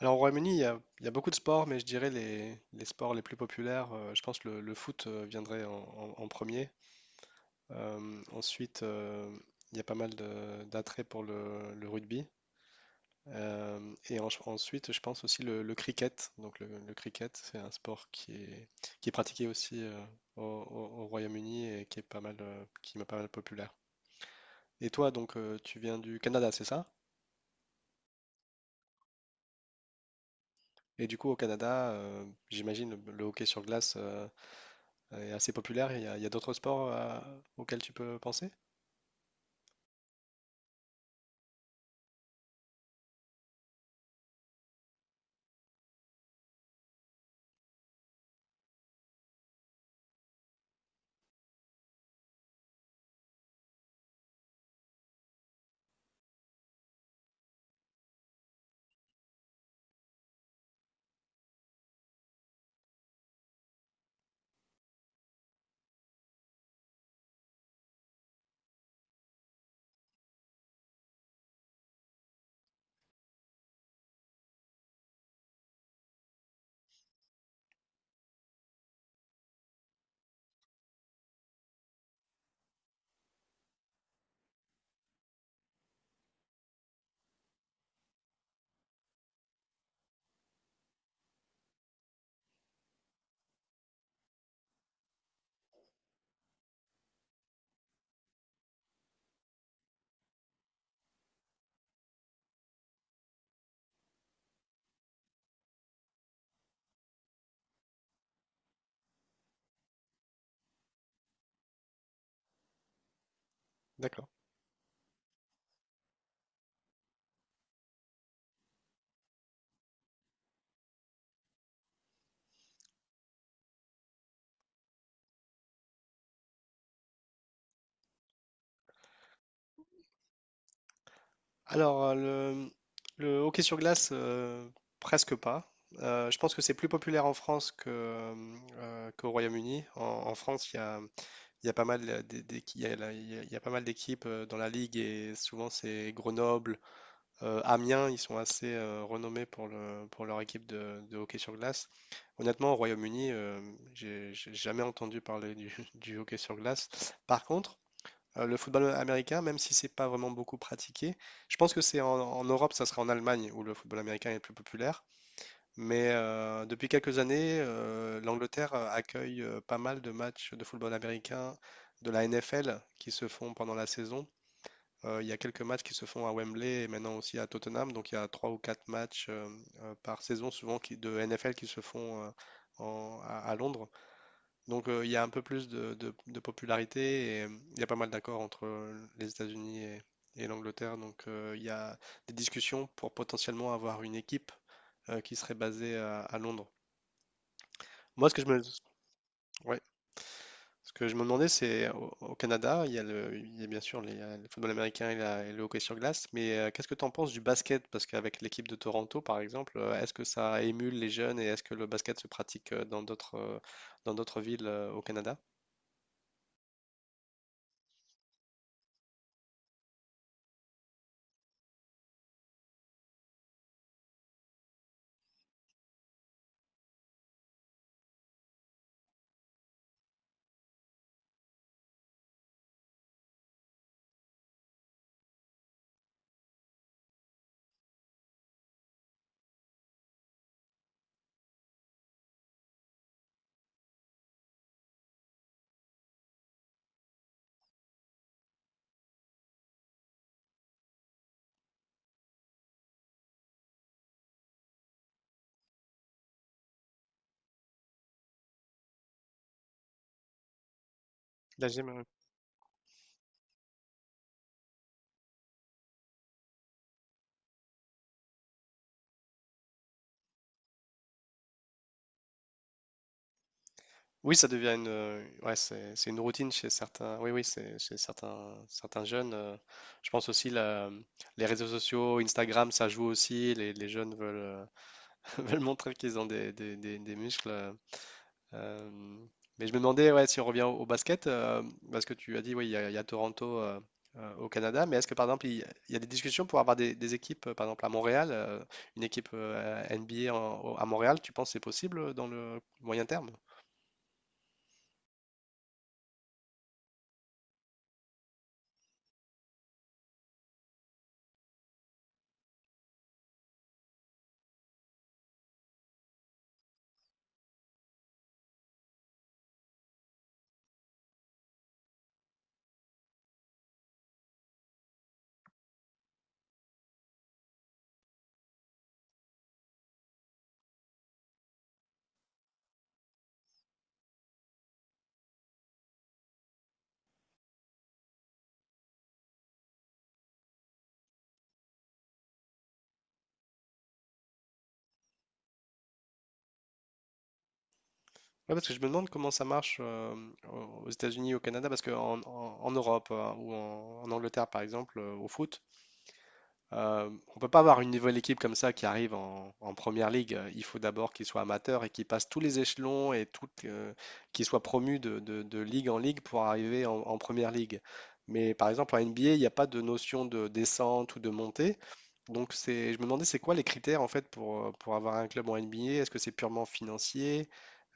Alors au Royaume-Uni, il y a beaucoup de sports, mais je dirais les sports les plus populaires, je pense que le foot viendrait en premier. Ensuite, il y a pas mal d'attrait pour le rugby. Et ensuite, je pense aussi le cricket. Donc le cricket, c'est un sport qui est pratiqué aussi au Royaume-Uni et qui est pas mal populaire. Et toi, donc, tu viens du Canada, c'est ça? Et du coup, au Canada, j'imagine le hockey sur glace est assez populaire. Il y a d'autres sports auxquels tu peux penser? D'accord. Alors, le, le hockey sur glace, presque pas. Je pense que c'est plus populaire en France qu'au Royaume-Uni. En France, il y a pas mal d'é- d'équi- il y a la- il y a pas mal d'équipes dans la ligue et souvent c'est Grenoble, Amiens. Ils sont assez renommés pour leur équipe de hockey sur glace. Honnêtement, au Royaume-Uni, j'ai jamais entendu parler du hockey sur glace. Par contre, le football américain, même si c'est pas vraiment beaucoup pratiqué, je pense que c'est en Europe, ça sera en Allemagne où le football américain est le plus populaire. Mais depuis quelques années, l'Angleterre accueille pas mal de matchs de football américain de la NFL qui se font pendant la saison. Il y a quelques matchs qui se font à Wembley et maintenant aussi à Tottenham. Donc il y a trois ou quatre matchs par saison souvent de NFL qui se font à, Londres. Donc il y a un peu plus de popularité et il y a pas mal d'accords entre les États-Unis et l'Angleterre. Donc il y a des discussions pour potentiellement avoir une équipe qui serait basée à Londres. Moi, ce que je me, ouais, ce que je me demandais, c'est au Canada, il y a il y a bien sûr le football américain et le hockey sur glace, mais qu'est-ce que tu en penses du basket? Parce qu'avec l'équipe de Toronto, par exemple, est-ce que ça émule les jeunes et est-ce que le basket se pratique dans d'autres villes au Canada? La GMA. Oui, ça devient ouais, c'est une routine chez certains. Oui, oui, c'est chez certains, certains jeunes. Je pense aussi les réseaux sociaux, Instagram, ça joue aussi. Les jeunes veulent, veulent montrer qu'ils ont des muscles. euh, mais je me demandais, ouais, si on revient au basket, parce que tu as dit, oui, il y a Toronto au Canada. Mais est-ce que par exemple, il y a des discussions pour avoir des équipes, par exemple à Montréal, une équipe NBA à Montréal, tu penses que c'est possible dans le moyen terme? Ouais, parce que je me demande comment ça marche aux États-Unis, au Canada, parce qu'en en, en- en Europe ou en Angleterre, par exemple, au foot, on ne peut pas avoir une nouvelle équipe comme ça qui arrive en première ligue. Il faut d'abord qu'ils soient amateurs et qu'ils passent tous les échelons et tout, qu'ils soient promus de ligue en ligue pour arriver en première ligue. Mais par exemple, en NBA, il n'y a pas de notion de descente ou de montée. Donc, je me demandais c'est quoi les critères en fait pour avoir un club en NBA. Est-ce que c'est purement financier?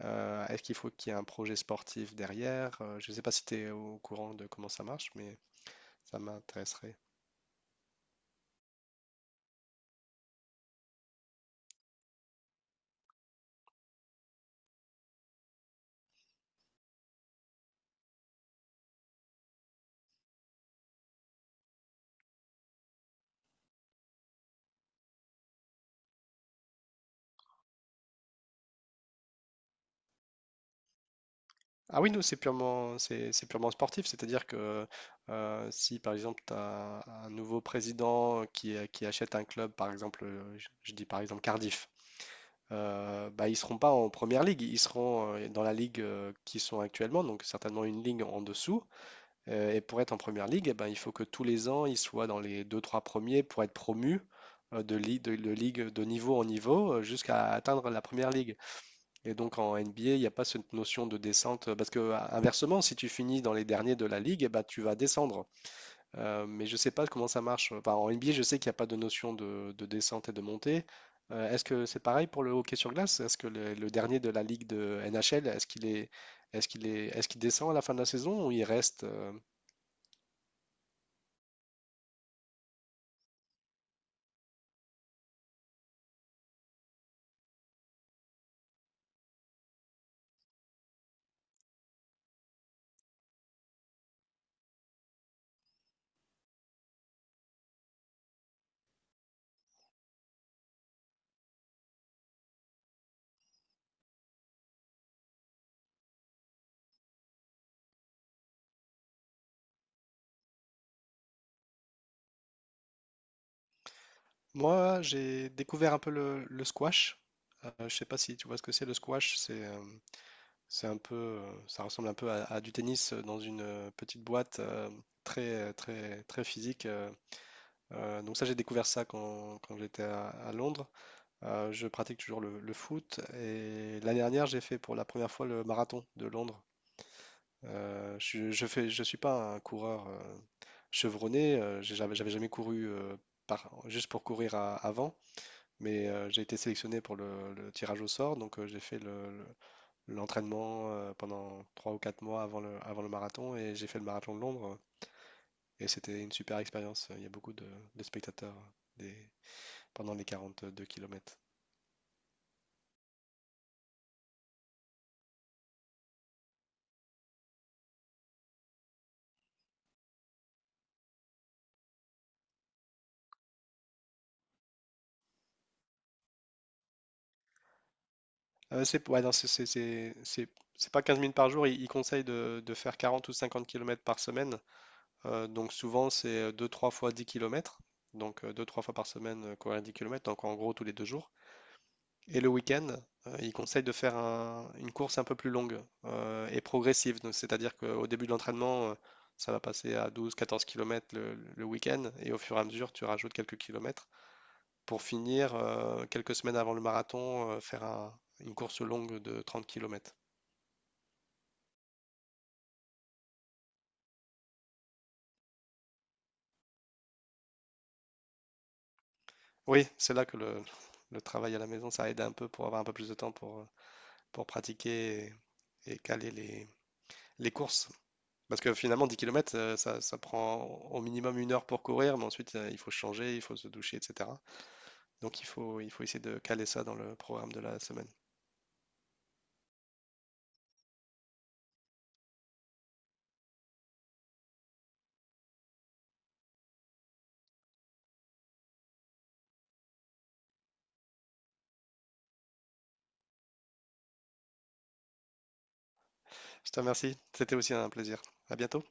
Est-ce qu'il faut qu'il y ait un projet sportif derrière? Je ne sais pas si tu es au courant de comment ça marche, mais ça m'intéresserait. Ah oui, nous, c'est purement sportif, c'est-à-dire que si par exemple tu as un nouveau président qui achète un club, par exemple, je dis par exemple Cardiff. Bah, ils seront pas en première ligue, ils seront dans la ligue qu'ils sont actuellement, donc certainement une ligue en dessous. Et pour être en première ligue, eh ben, il faut que tous les ans ils soient dans les deux trois premiers pour être promus de ligue de niveau en niveau jusqu'à atteindre la première ligue. Et donc en NBA, il n'y a pas cette notion de descente, parce que inversement, si tu finis dans les derniers de la ligue, eh ben, tu vas descendre. Mais je ne sais pas comment ça marche. Enfin, en NBA, je sais qu'il n'y a pas de notion de descente et de montée. Est-ce que c'est pareil pour le hockey sur glace? Est-ce que le dernier de la ligue de NHL, est-ce qu'il descend à la fin de la saison ou il reste? Moi, j'ai découvert un peu le squash. Je ne sais pas si tu vois ce que c'est le squash. C'est un peu, ça ressemble un peu à, du tennis dans une petite boîte très, très, très physique. Donc ça, j'ai découvert ça quand j'étais à Londres. Je pratique toujours le foot et l'année dernière, j'ai fait pour la première fois le marathon de Londres. Je suis pas un coureur chevronné. J'avais jamais couru juste pour courir avant, mais j'ai été sélectionné pour le tirage au sort, donc j'ai fait l'entraînement pendant 3 ou 4 mois avant le marathon et j'ai fait le marathon de Londres et c'était une super expérience. Il y a beaucoup de spectateurs des, pendant les 42 km. C'est ouais, non, c'est pas 15 minutes par jour. Ils conseillent de faire 40 ou 50 kilomètres par semaine. Donc souvent c'est deux trois fois 10 kilomètres. Donc deux trois fois par semaine courir 10 kilomètres, donc en gros tous les 2 jours. Et le week-end, il conseille de faire une course un peu plus longue et progressive. Donc, c'est-à-dire qu'au début de l'entraînement, ça va passer à 12-14 km le week-end et au fur et à mesure, tu rajoutes quelques kilomètres pour finir, quelques semaines avant le marathon, faire une course longue de 30 km. Oui, c'est là que le travail à la maison, ça aide un peu pour avoir un peu plus de temps pour pratiquer et caler les courses. Parce que finalement, 10 kilomètres, ça prend au minimum une heure pour courir, mais ensuite, il faut changer, il faut se doucher, etc. Donc, il faut essayer de caler ça dans le programme de la semaine. Je te remercie. C'était aussi un plaisir. À bientôt.